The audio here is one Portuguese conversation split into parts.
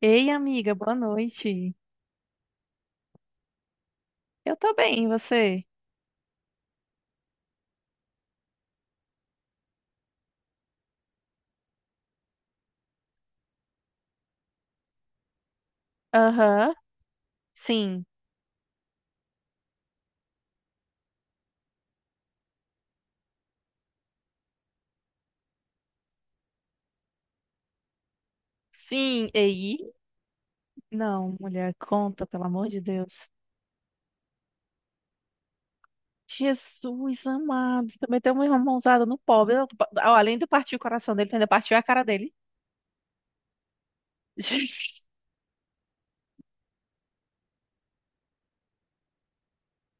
Ei, amiga, boa noite. Eu tô bem, e você? Aham, sim. Sim, ei? Não, mulher, conta, pelo amor de Deus. Jesus amado, também tem uma mãozada no pobre. Além de partir o coração dele, ainda partiu a cara dele. Jesus.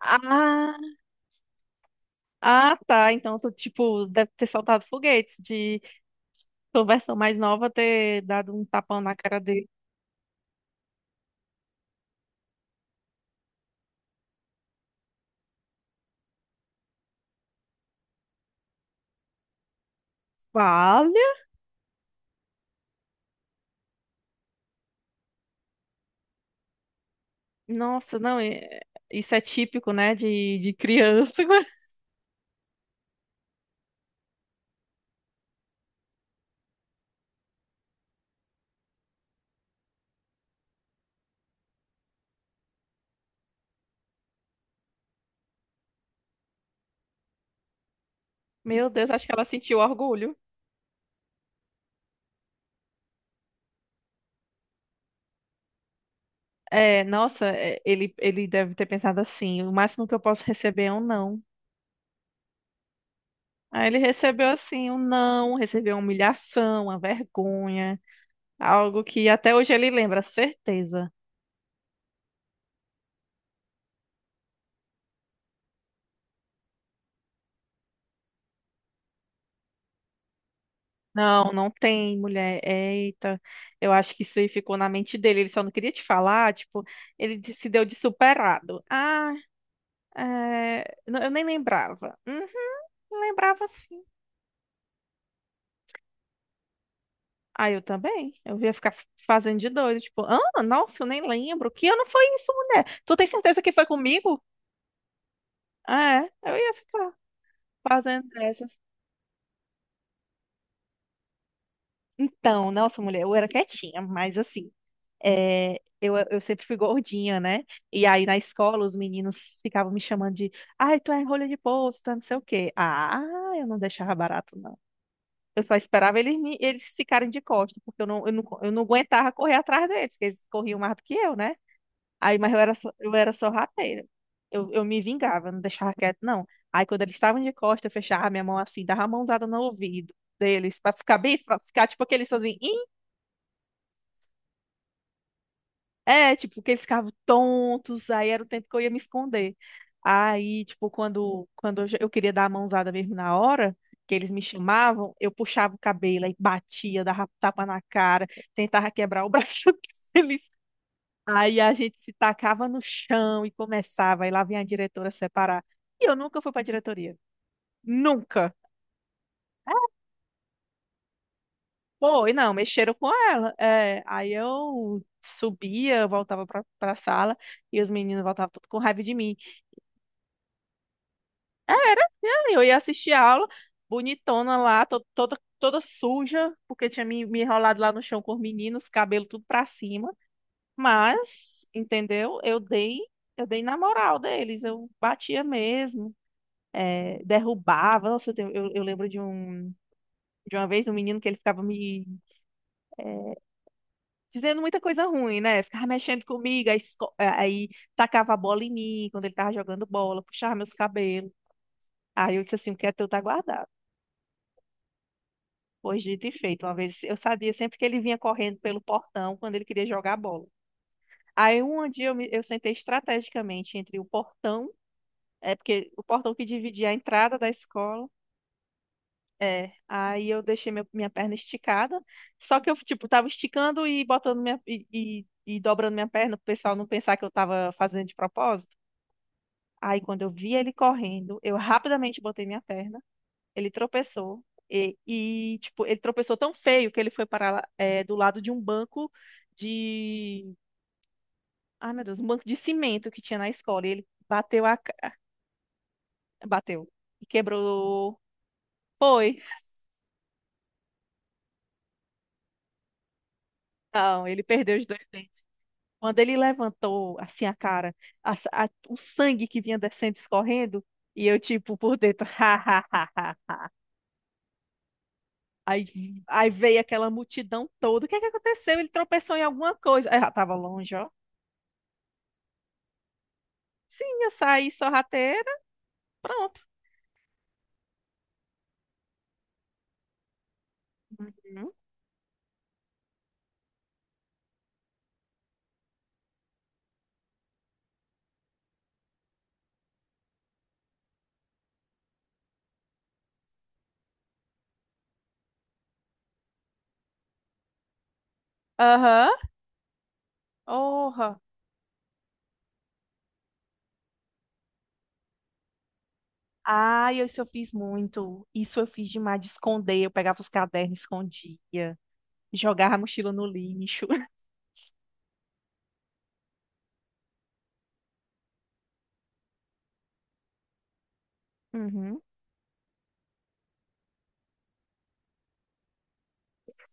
Ah, ah, tá. Então, tu, tipo, deve ter soltado foguetes de tua versão mais nova ter dado um tapão na cara dele. Vale? Nossa, não, é- Isso é típico, né, de criança. Meu Deus, acho que ela sentiu orgulho. É, nossa, é, ele deve ter pensado assim: o máximo que eu posso receber é um não. Aí ele recebeu assim um não, recebeu uma humilhação, uma vergonha, algo que até hoje ele lembra, certeza. Não, não tem mulher. Eita, eu acho que isso aí ficou na mente dele. Ele só não queria te falar, tipo, se deu de superado. Ah, é, não, eu nem lembrava. Uhum, lembrava sim. Ah, eu também. Eu ia ficar fazendo de doido. Tipo, ah, nossa, eu nem lembro. Que ano foi isso, mulher? Tu tem certeza que foi comigo? Ah, é. Eu ia ficar fazendo dessas. Então, nossa, mulher, eu era quietinha, mas assim, eu sempre fui gordinha, né? E aí na escola os meninos ficavam me chamando de, ai, tu é rolha de poço, tu é não sei o quê. Ah, eu não deixava barato, não. Eu só esperava eles ficarem de costas, porque eu não aguentava correr atrás deles, porque eles corriam mais do que eu, né? Aí, mas eu era só rateira. Eu me vingava, não deixava quieto, não. Aí, quando eles estavam de costa, eu fechava a minha mão assim, dava a mãozada no ouvido deles, pra ficar bem, pra ficar tipo aqueles sozinhos. "Ih". É, tipo, que eles ficavam tontos, aí era o tempo que eu ia me esconder. Aí, tipo, eu queria dar a mãozada mesmo na hora, que eles me chamavam, eu puxava o cabelo aí batia, dava tapa na cara, tentava quebrar o braço deles. Aí a gente se tacava no chão e começava, e lá vinha a diretora separar. E eu nunca fui pra diretoria. Nunca. Foi, não, mexeram com ela. É, aí eu subia, voltava pra sala, e os meninos voltavam tudo com raiva de mim. É, eu ia assistir a aula, bonitona lá, toda suja, porque tinha me enrolado lá no chão com os meninos, cabelo tudo pra cima. Mas, entendeu? Eu dei na moral deles, eu batia mesmo. É, derrubava. Nossa, eu lembro de uma vez um menino que ele ficava me é, dizendo muita coisa ruim, né? Ficava mexendo comigo, aí tacava a bola em mim quando ele tava jogando bola, puxava meus cabelos. Aí eu disse assim: o que é teu tá guardado. Pois dito e feito. Uma vez eu sabia sempre que ele vinha correndo pelo portão quando ele queria jogar bola. Aí um dia eu sentei estrategicamente entre o portão, é porque o portão que dividia a entrada da escola. É, aí minha perna esticada, só que eu, tipo, tava esticando e botando minha, e dobrando minha perna pro pessoal não pensar que eu tava fazendo de propósito. Aí quando eu vi ele correndo, eu rapidamente botei minha perna, ele tropeçou, e tipo, ele tropeçou tão feio que ele foi parar, lá, é, do lado de um banco de... Ai, meu Deus, um banco de cimento que tinha na escola, e ele bateu bateu, e quebrou... Foi, não, ele perdeu os dois dentes. Quando ele levantou assim a cara, o sangue que vinha descendo, escorrendo, e eu tipo por dentro, ha, ha, ha, ha. Aí, aí veio aquela multidão toda. O que é que aconteceu? Ele tropeçou em alguma coisa. Aí já tava longe, ó. Sim, eu saí sorrateira, pronto. Uhum. Aham. Porra. Ai, isso eu fiz muito. Isso eu fiz demais de esconder. Eu pegava os cadernos, escondia. Jogava a mochila no lixo. Uhum.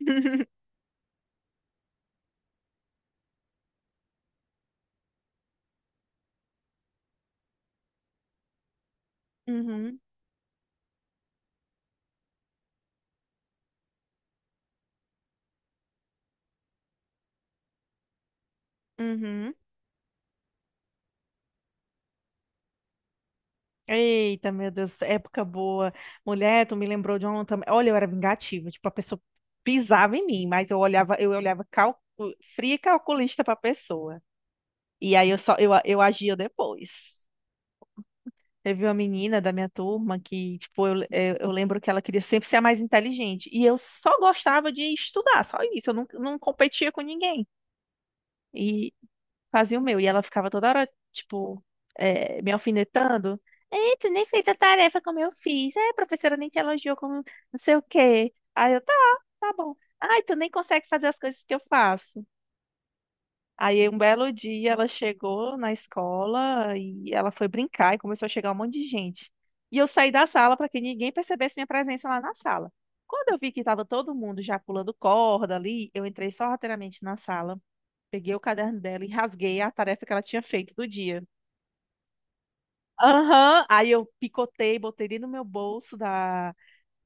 Uhum. Uhum. Eita, meu Deus, época boa. Mulher, tu me lembrou de ontem. Olha, eu era vingativa, tipo, a pessoa pisava em mim, mas eu olhava calcu... fria e calculista pra pessoa. E aí eu agia depois. Teve uma menina da minha turma que, tipo, eu lembro que ela queria sempre ser a mais inteligente. E eu só gostava de estudar, só isso. Eu não, não competia com ninguém. E fazia o meu. E ela ficava toda hora, tipo, me alfinetando. Ei, tu nem fez a tarefa como eu fiz. É, a professora nem te elogiou como não sei o quê. Aí eu, tá, tá bom. Ai, tu nem consegue fazer as coisas que eu faço. Aí um belo dia ela chegou na escola e ela foi brincar e começou a chegar um monte de gente. E eu saí da sala para que ninguém percebesse minha presença lá na sala. Quando eu vi que estava todo mundo já pulando corda ali, eu entrei sorrateiramente na sala. Peguei o caderno dela e rasguei a tarefa que ela tinha feito do dia. Aham. Aí eu picotei, botei dentro do meu bolso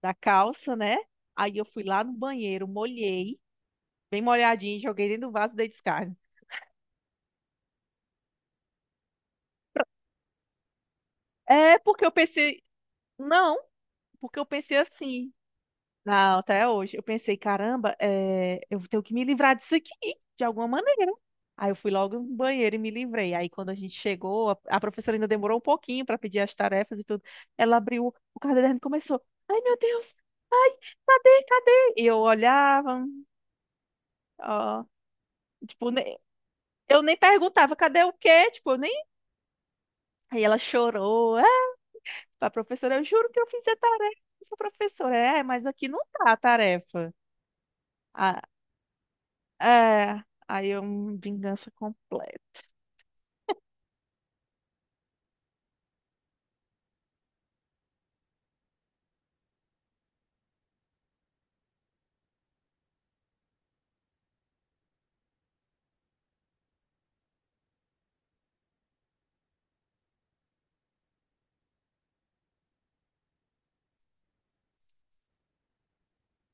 da calça, né? Aí eu fui lá no banheiro, molhei, bem molhadinho, joguei dentro do vaso e dei descarga. É porque eu pensei, não, porque eu pensei assim, não, até hoje. Eu pensei, caramba, é, eu tenho que me livrar disso aqui, de alguma maneira. Aí eu fui logo no banheiro e me livrei. Aí quando a gente chegou, a professora ainda demorou um pouquinho para pedir as tarefas e tudo. Ela abriu o caderno e começou. Ai, meu Deus! Ai, cadê? E eu olhava, ó, tipo, eu nem perguntava, cadê o quê? Tipo, eu nem. Aí ela chorou. Ah, pra professora, eu juro que eu fiz a tarefa, professora. É, mas aqui não tá a tarefa. É, aí é uma vingança completa.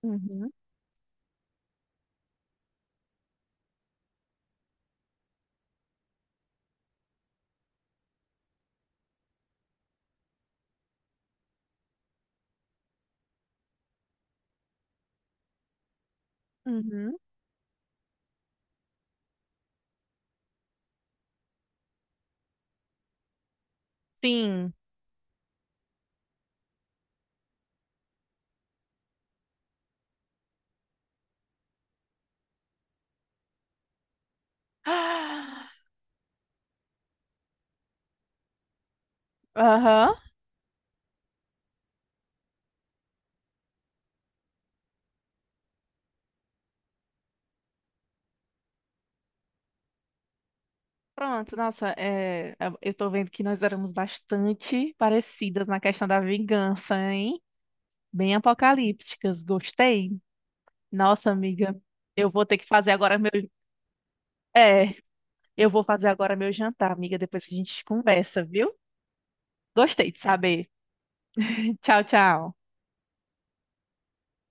Uhum, uhum. Sim. Ah, Aham. Pronto, nossa, é, eu tô vendo que nós éramos bastante parecidas na questão da vingança, hein? Bem apocalípticas, gostei. Nossa, amiga, eu vou ter que fazer agora meu. É, eu vou fazer agora meu jantar, amiga, depois a gente conversa, viu? Gostei de saber. Tchau, tchau.